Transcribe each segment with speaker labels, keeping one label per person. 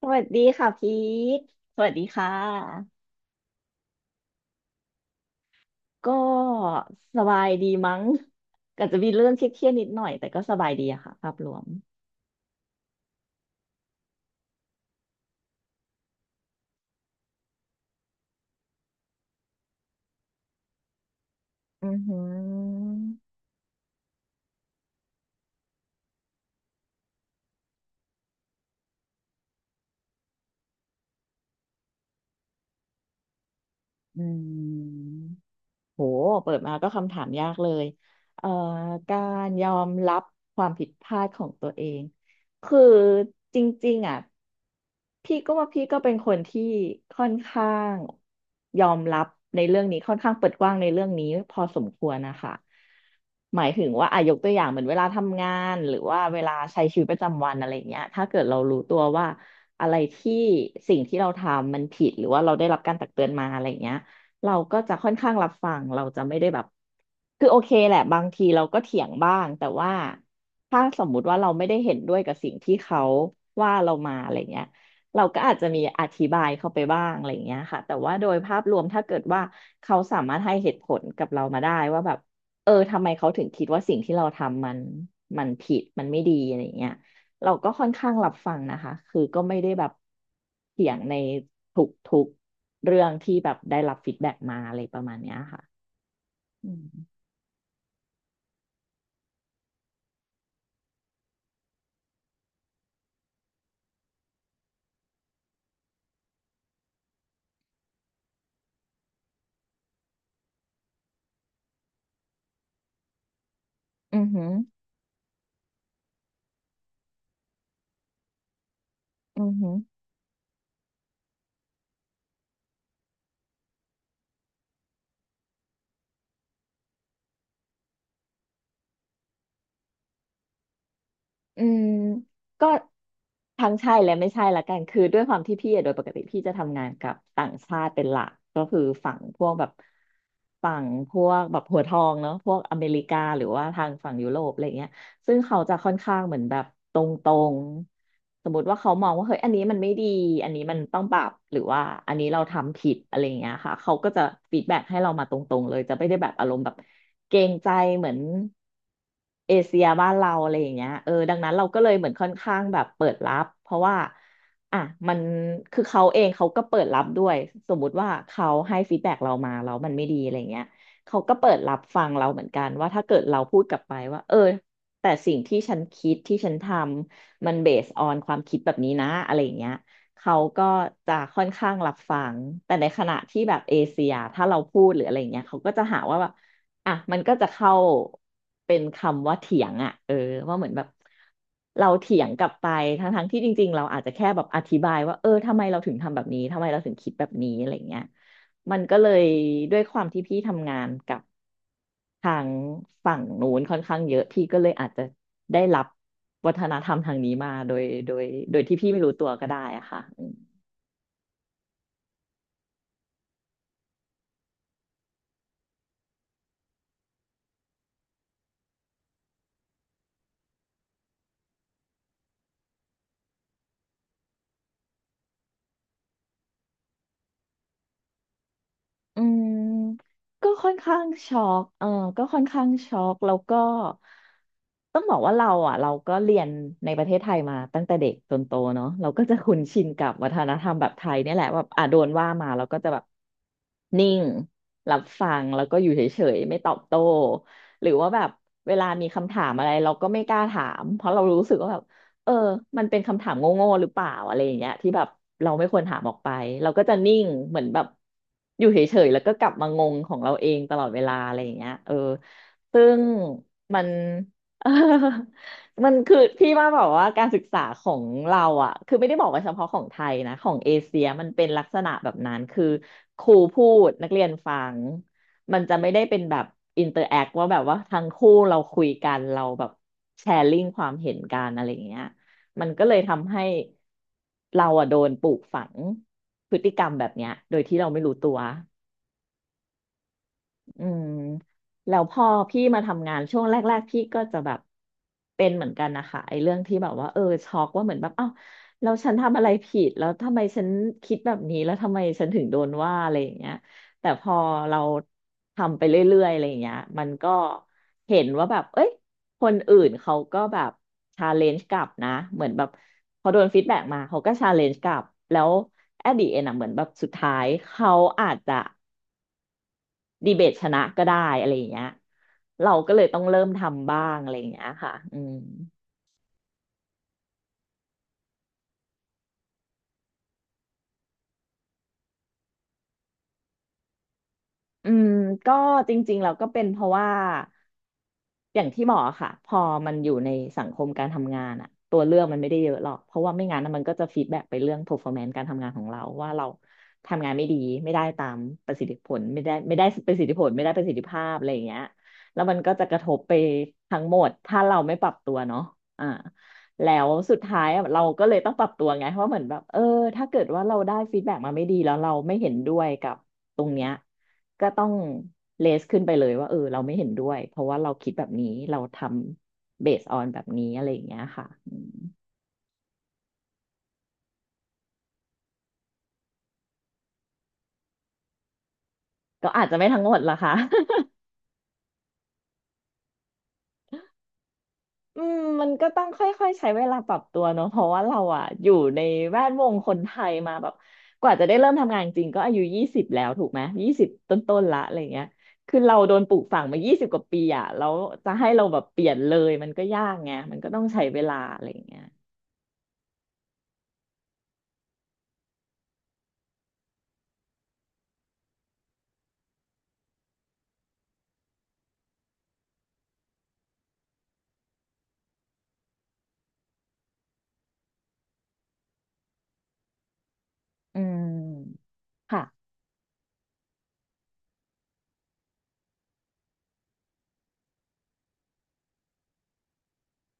Speaker 1: สวัสดีค่ะพีทสวัสดีค่ะ ก็สบายดีมั้ง ก็จะมีเรื่องเครียดๆนิดหน่อยแต่ก็สบายดีอะค่ะภาพรวมอือหืออืม โหเปิดมาก็คำถามยากเลยเอ่อการยอมรับความผิดพลาดของตัวเอง คือจริงๆอ่ะพี่ก็ว่าพี่ก็เป็นคนที่ค่อนข้างยอมรับในเรื่องนี้ค่อนข้างเปิดกว้างในเรื่องนี้พอสมควรนะคะหมายถึงว่าอ่ะยกตัวอย่างเหมือนเวลาทำงานหรือว่าเวลาใช้ชีวิตประจำวันอะไรอย่างเงี้ยถ้าเกิดเรารู้ตัวว่าอะไรที่สิ่งที่เราทำมันผิดหรือว่าเราได้รับการตักเตือนมาอะไรอย่างเงี้ย เราก็จะค่อนข้างรับฟังเราจะไม่ได้แบบคือโอเคแหละบางทีเราก็เถียงบ้างแต่ว่าถ้าสมมุติว่าเราไม่ได้เห็นด้วยกับสิ่งที่เขาว่าเรามาอะไรเงี้ยเราก็อาจจะมีอธิบายเข้าไปบ้างอะไรเงี้ยค่ะแต่ว่าโดยภาพรวมถ้าเกิดว่าเขาสามารถให้เหตุผลกับเรามาได้ว่าแบบเออทำไมเขาถึงคิดว่าสิ่งที่เราทำมันผิดมันไม่ดีอะไรเงี้ย เราก็ค่อนข้างรับฟังนะคะ คือก็ไม่ได้แบบเถียงในทุกเรื่องที่แบบได้รับฟีดแบ็กมาอะไรประมาณเนี้ยค่ะ อืมอือหืออือหืออืมก็ทั้งใช่และไม่ใช่ละกัน คือด้วยความที่พี่อะโดยปกติพี่จะทำงานกับต่างชาติเป็นหลักก็คือฝั่งพวกแบบฝั่งพวกแบบหัวทองเนาะพวกอเมริกาหรือว่าทางฝั่งยุโรปอะไรเงี้ยซึ่งเขาจะค่อนข้างเหมือนแบบตรง สมมติว่าเขามองว่าเฮ้ยอันนี้มันไม่ดีอันนี้มันต้องปรับหรือว่าอันนี้เราทำผิดอะไรอย่างเงี้ยค่ะเขาก็จะฟีดแบ็กให้เรามาตรงๆเลยจะไม่ได้แบบอารมณ์แบบเกรงใจเหมือนเอเชียบ้านเราอะไรอย่างเงี้ยเออดังนั้นเราก็เลยเหมือนค่อนข้างแบบเปิดรับเพราะว่าอ่ะมันคือเขาเองเขาก็เปิดรับด้วยสมมุติว่าเขาให้ฟีดแบ็กเรามาแล้วมันไม่ดีอะไรเงี้ยเขาก็เปิดรับฟังเราเหมือนกันว่าถ้าเกิดเราพูดกลับไปว่าเออแต่สิ่งที่ฉันคิดที่ฉันทำ มันเบสออนความคิดแบบนี้นะอะไรอย่างเงี้ยเขาก็จะค่อนข้างรับฟังแต่ในขณะที่แบบเอเชียถ้าเราพูดหรืออะไรอย่างเงี้ยเขาก็จะหาว่าแบบอ่ะมันก็จะเข้าเป็นคำว่าเถียงอ่ะเออว่าเหมือนแบบเราเถียงกลับไปทั้งที่จริงๆเราอาจจะแค่แบบอธิบายว่าเออทำไมเราถึงทำแบบนี้ทำไมเราถึงคิดแบบนี้อะไรอย่างเงี้ย มันก็เลยด้วยความที่พี่ทำงานกับทางฝั่งนู้นค่อนข้างเยอะพี่ก็เลยอาจจะได้รับวัฒนธรรมทางนี้มาโดยที่พี่ไม่รู้ตัวก็ได้อะค่ะ อืมก็ค่อนข้างช็อกเออก็ค่อนข้างช็อกแล้วก็ต้องบอกว่าเราอ่ะเราก็เรียนในประเทศไทยมาตั้งแต่เด็กจนโตเนาะเราก็จะคุ้นชินกับวัฒนธรรมแบบไทยเนี่ยแหละว่าอ่ะโดนว่ามาเราก็จะแบบนิ่งรับฟังแล้วก็อยู่เฉยๆไม่ตอบโต้หรือว่าแบบเวลามีคำถามอะไรเราก็ไม่กล้าถามเพราะเรารู้สึกว่าแบบ เออมันเป็นคำถามโง่ๆหรือเปล่าอะไรอย่างเงี้ยที่แบบเราไม่ควรถามออกไปเราก็จะนิ่งเหมือนแบบอยู่เฉยๆแล้วก็กลับมางงของเราเองตลอดเวลาอะไรอย่างเงี้ยเออซึ่งมัน เออมันคือพี่ว่าแบอกว่าการศึกษาของเราอ่ะคือไม่ได้บอกว่าเฉพาะของไทยนะของเอเชียมันเป็นลักษณะแบบนั้นคือครูพูดนักเรียนฟังมันจะไม่ได้เป็นแบบอินเตอร์แอคว่าแบบว่าทั้งคู่เราคุยกันเราแบบแชร์ลิงความเห็นกันอะไรอย่างเงี้ย มันก็เลยทำให้เราอะโดนปลูกฝังพฤติกรรมแบบเนี้ยโดยที่เราไม่รู้ตัว อืมแล้วพอพี่มาทำงานช่วงแรกๆพี่ก็จะแบบเป็นเหมือนกันนะคะไอ้เรื่องที่แบบว่าช็อกว่าเหมือนแบบเอ้าแล้วฉันทำอะไรผิดแล้วทำไมฉันคิดแบบนี้แล้วทำไมฉันถึงโดนว่าอะไรอย่างเงี้ยแต่พอเราทำไปเรื่อยๆอะไรอย่างเงี้ยมันก็เห็นว่าแบบเอ้ยคนอื่นเขาก็แบบชาเลนจ์กลับนะเหมือนแบบพอโดนฟีดแบ็กมาเขาก็ชาเลนจ์กลับแล้ว at the end อะเหมือนแบบสุดท้ายเขาอาจจะ ดีเบตชนะก็ได้อะไรอย่างเงี้ยเราก็เลยต้องเริ่มทำบ้างอะไรอย่างเงี้ยค่ะอืมอืมก็จริงๆเราก็เป็นเพราะว่า อย่างที่บอกอะค่ะพอมันอยู่ในสังคมการทำงานอะตัวเลือกมันไม่ได้เยอะหรอกเพราะว่าไม่งั้นนะมันก็จะฟีดแบ็กไปเรื่อง performance การทำงานของเราว่าเราทำงานไม่ดีไม่ได้ตามประสิทธิผลไม่ได้ประสิทธิผลไม่ได้ประสิทธิภาพอะไรอย่างเงี้ยแล้วมันก็จะกระทบไปทั้งหมดถ้าเราไม่ปรับตัวเนาะอ่าแล้วสุดท้ายอะเราก็เลยต้องปรับตัวไงเพราะเหมือนแบบถ้าเกิดว่าเราได้ฟีดแบ็กมาไม่ดีแล้วเราไม่เห็นด้วยกับตรงเนี้ย ก็ต้องเลสขึ้นไปเลยว่าเราไม่เห็นด้วยเพราะว่าเราคิดแบบนี้เราทำเบสออนแบบนี้อะไรอย่างเงี้ยค่ะอืมก็อาจจะไม่ทั้งหมดละค่ะ อืมมันก็ต้องค่อยๆใช้เวลาปรับตัวเนอะเพราะว่าเราอะอยู่ในแวดวงคนไทยมาแบบกว่าจะได้เริ่มทำงานจริงก็อายุยี่สิบแล้วถูกไหมยี่สิบต้นๆละอะไรอย่างเงี้ยคือเราโดนปลูกฝังมายี่สิบกว่าปีอ่ะแล้วจะให้เราแบบเปลี่ยนเลยมันก็ยากไงมันก็ต้องใช้เวลาอะไรอย่างเงี้ยอืมค่ะ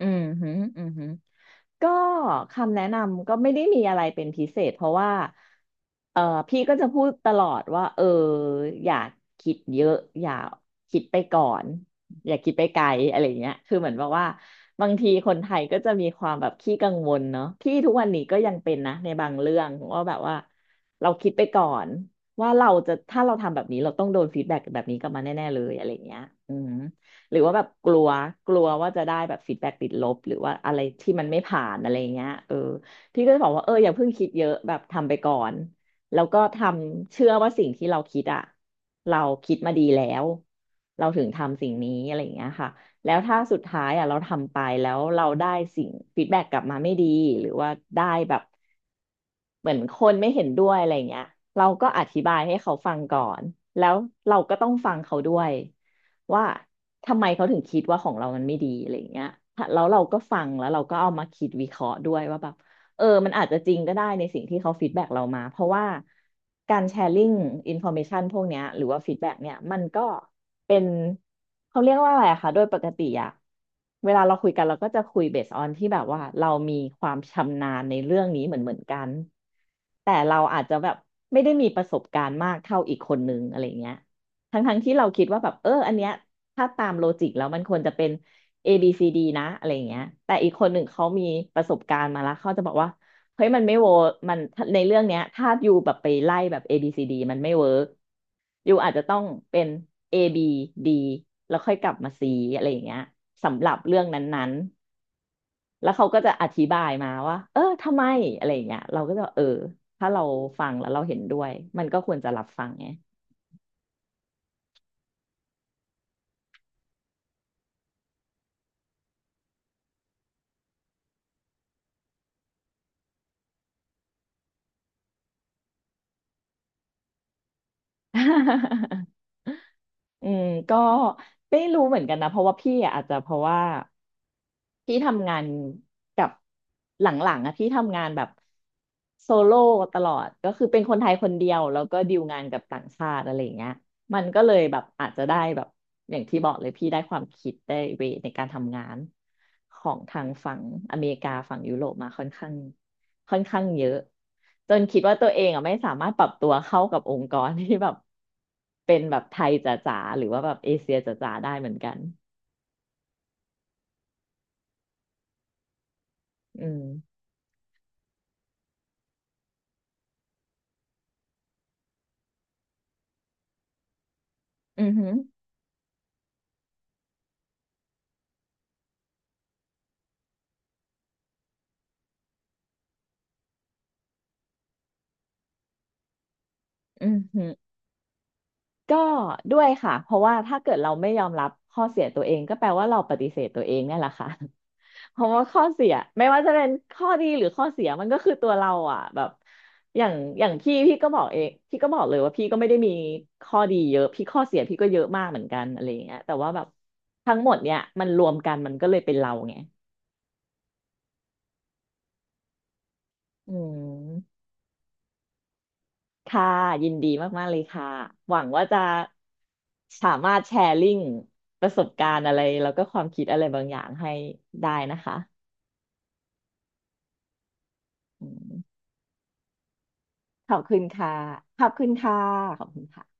Speaker 1: อืมฮึอืมฮึ ก็คำแนะนำก็ไม่ได้มีอะไรเป็นพิเศษเพราะว่า เออพี่ก็จะพูดตลอดว่าอย่าคิดเยอะอย่าคิดไปก่อนอย่าคิดไปไกลอะไรเงี้ยคือเหมือนแบบว่าบางทีคนไทยก็จะมีความแบบขี้กังวลเนาะพี่ทุกวันนี้ก็ยังเป็นนะในบางเรื่องว่าแบบว่าเราคิดไปก่อนว่าเราจะถ้าเราทำแบบนี้เราต้องโดนฟีดแบ็กแบบนี้กลับมาแน่ๆเลยอะไรเงี้ยอืมหรือว่าแบบกลัวกลัวว่าจะได้แบบฟีดแบ็กติดลบหรือว่าอะไรที่มันไม่ผ่านอะไรเงี้ยพี่ก็จะบอกว่าอย่าเพิ่งคิดเยอะแบบทำไปก่อน แล้วก็ทำเชื่อว่าสิ่งที่เราคิดอะเราคิดมาดีแล้วเราถึงทำสิ่งนี้อะไรอย่างเงี้ยค่ะแล้วถ้าสุดท้ายอะเราทำไปแล้วเราได้สิ่งฟีดแบ็กกลับมาไม่ดีหรือว่าได้แบบ เหมือนคนไม่เห็นด้วยอะไรเงี้ยเราก็อธิบายให้เขาฟังก่อนแล้วเราก็ต้องฟังเขาด้วยว่าทำไมเขาถึงคิดว่าของเรามันไม่ดีอะไรเงี้ยแล้วเราก็ฟังแล้วเราก็เอามาคิดวิเคราะห์ด้วยว่าแบบมันอาจจะจริงก็ได้ในสิ่งที่เขาฟีดแบ็กเรามาเพราะว่าการแชร์ลิงอินฟอร์เมชันพวกเนี้ยหรือว่าฟีดแบ็กเนี่ยมันก็ เป็นเขาเรียกว่าอะไรอะคะโดยปกติอะเวลาเราคุยกันเราก็จะคุยเบสออนที่แบบว่าเรามีความชำนาญในเรื่องนี้เหมือนกันแต่เราอาจจะแบบไม่ได้มีประสบการณ์มากเท่าอีกคนนึงอะไรเงี้ยทั้งที่เราคิดว่าแบบอันเนี้ยถ้าตามโลจิกแล้วมันควรจะเป็น A B C D นะอะไรเงี้ยแต่อีกคนหนึ่งเขามีประสบการณ์มาแล้วเขาจะบอกว่า เฮ้ยมันไม่เวิร์กมันในเรื่องเนี้ยถ้าอยู่แบบไปไล่แบบ A B C D มันไม่เวิร์กอยู่อาจจะต้องเป็น A B D แล้วค่อยกลับมา C อะไรอย่างเงี้ยสำหรับเรื่องนั้นๆแล้วเขาก็จะอธิบายมาว่าทำไมอะไรอย่างเงี้ยเราก็จะถ้าเราฟังแล้วเราเห็นด้วยมันก็ควรจะรับฟังไง อืมก็ไม่รู้เหมือนกันนะเพราะว่าพี่อะอาจจะเพราะว่า พี่ทำงานกับหลังๆอะพี่ทำงานแบบโซโล่ตลอดก็คือเป็นคนไทยคนเดียวแล้วก็ดีลงานกับต่างชาติอะไรอย่างเงี้ยมันก็เลยแบบอาจจะได้แบบอย่างที่บอกเลยพี่ได้ความคิดได้เวในการทำงานของทางฝั่งอเมริกาฝั่งยุโรปมาค่อนข้างเยอะจนคิดว่าตัวเองอ่ะไม่สามารถปรับตัวเข้ากับองค์กรที่แบบ เป็นแบบไทยจ๋าๆหรือว่าแบบเอเชียจ๋าๆได้เหมือนกันอืมอือหืออือหือ ก็ด้วยค่ะเพราะว่าถ้าเกิดเราไม่ยอมรับข้อเสียตัวเองก็แปลว่าเราปฏิเสธตัวเองเนี่ยแหละค่ะ เพราะว่าข้อเสียไม่ว่าจะเป็นข้อดีหรือข้อเสียมันก็คือตัวเราอ่ะแบบอย่างอย่างพี่ก็บอกเองพี่ก็บอกเลยว่าพี่ก็ไม่ได้มีข้อดีเยอะพี่ข้อเสียพี่ก็เยอะมากเหมือนกันอะไรอย่างเงี้ยแต่ว่าแบบทั้งหมดเนี่ยมันรวมกันมันก็เลยเป็นเราไงอืม ค่ะยินดีมากๆเลยค่ะหวังว่าจะสามารถแชร์ลิงก์ประสบการณ์อะไรแล้วก็ความคิดอะไรบางอย่างให้ได้นะคะอืมขอบคุณค่ะขอบคุณค่ะขอบคุณค่ะ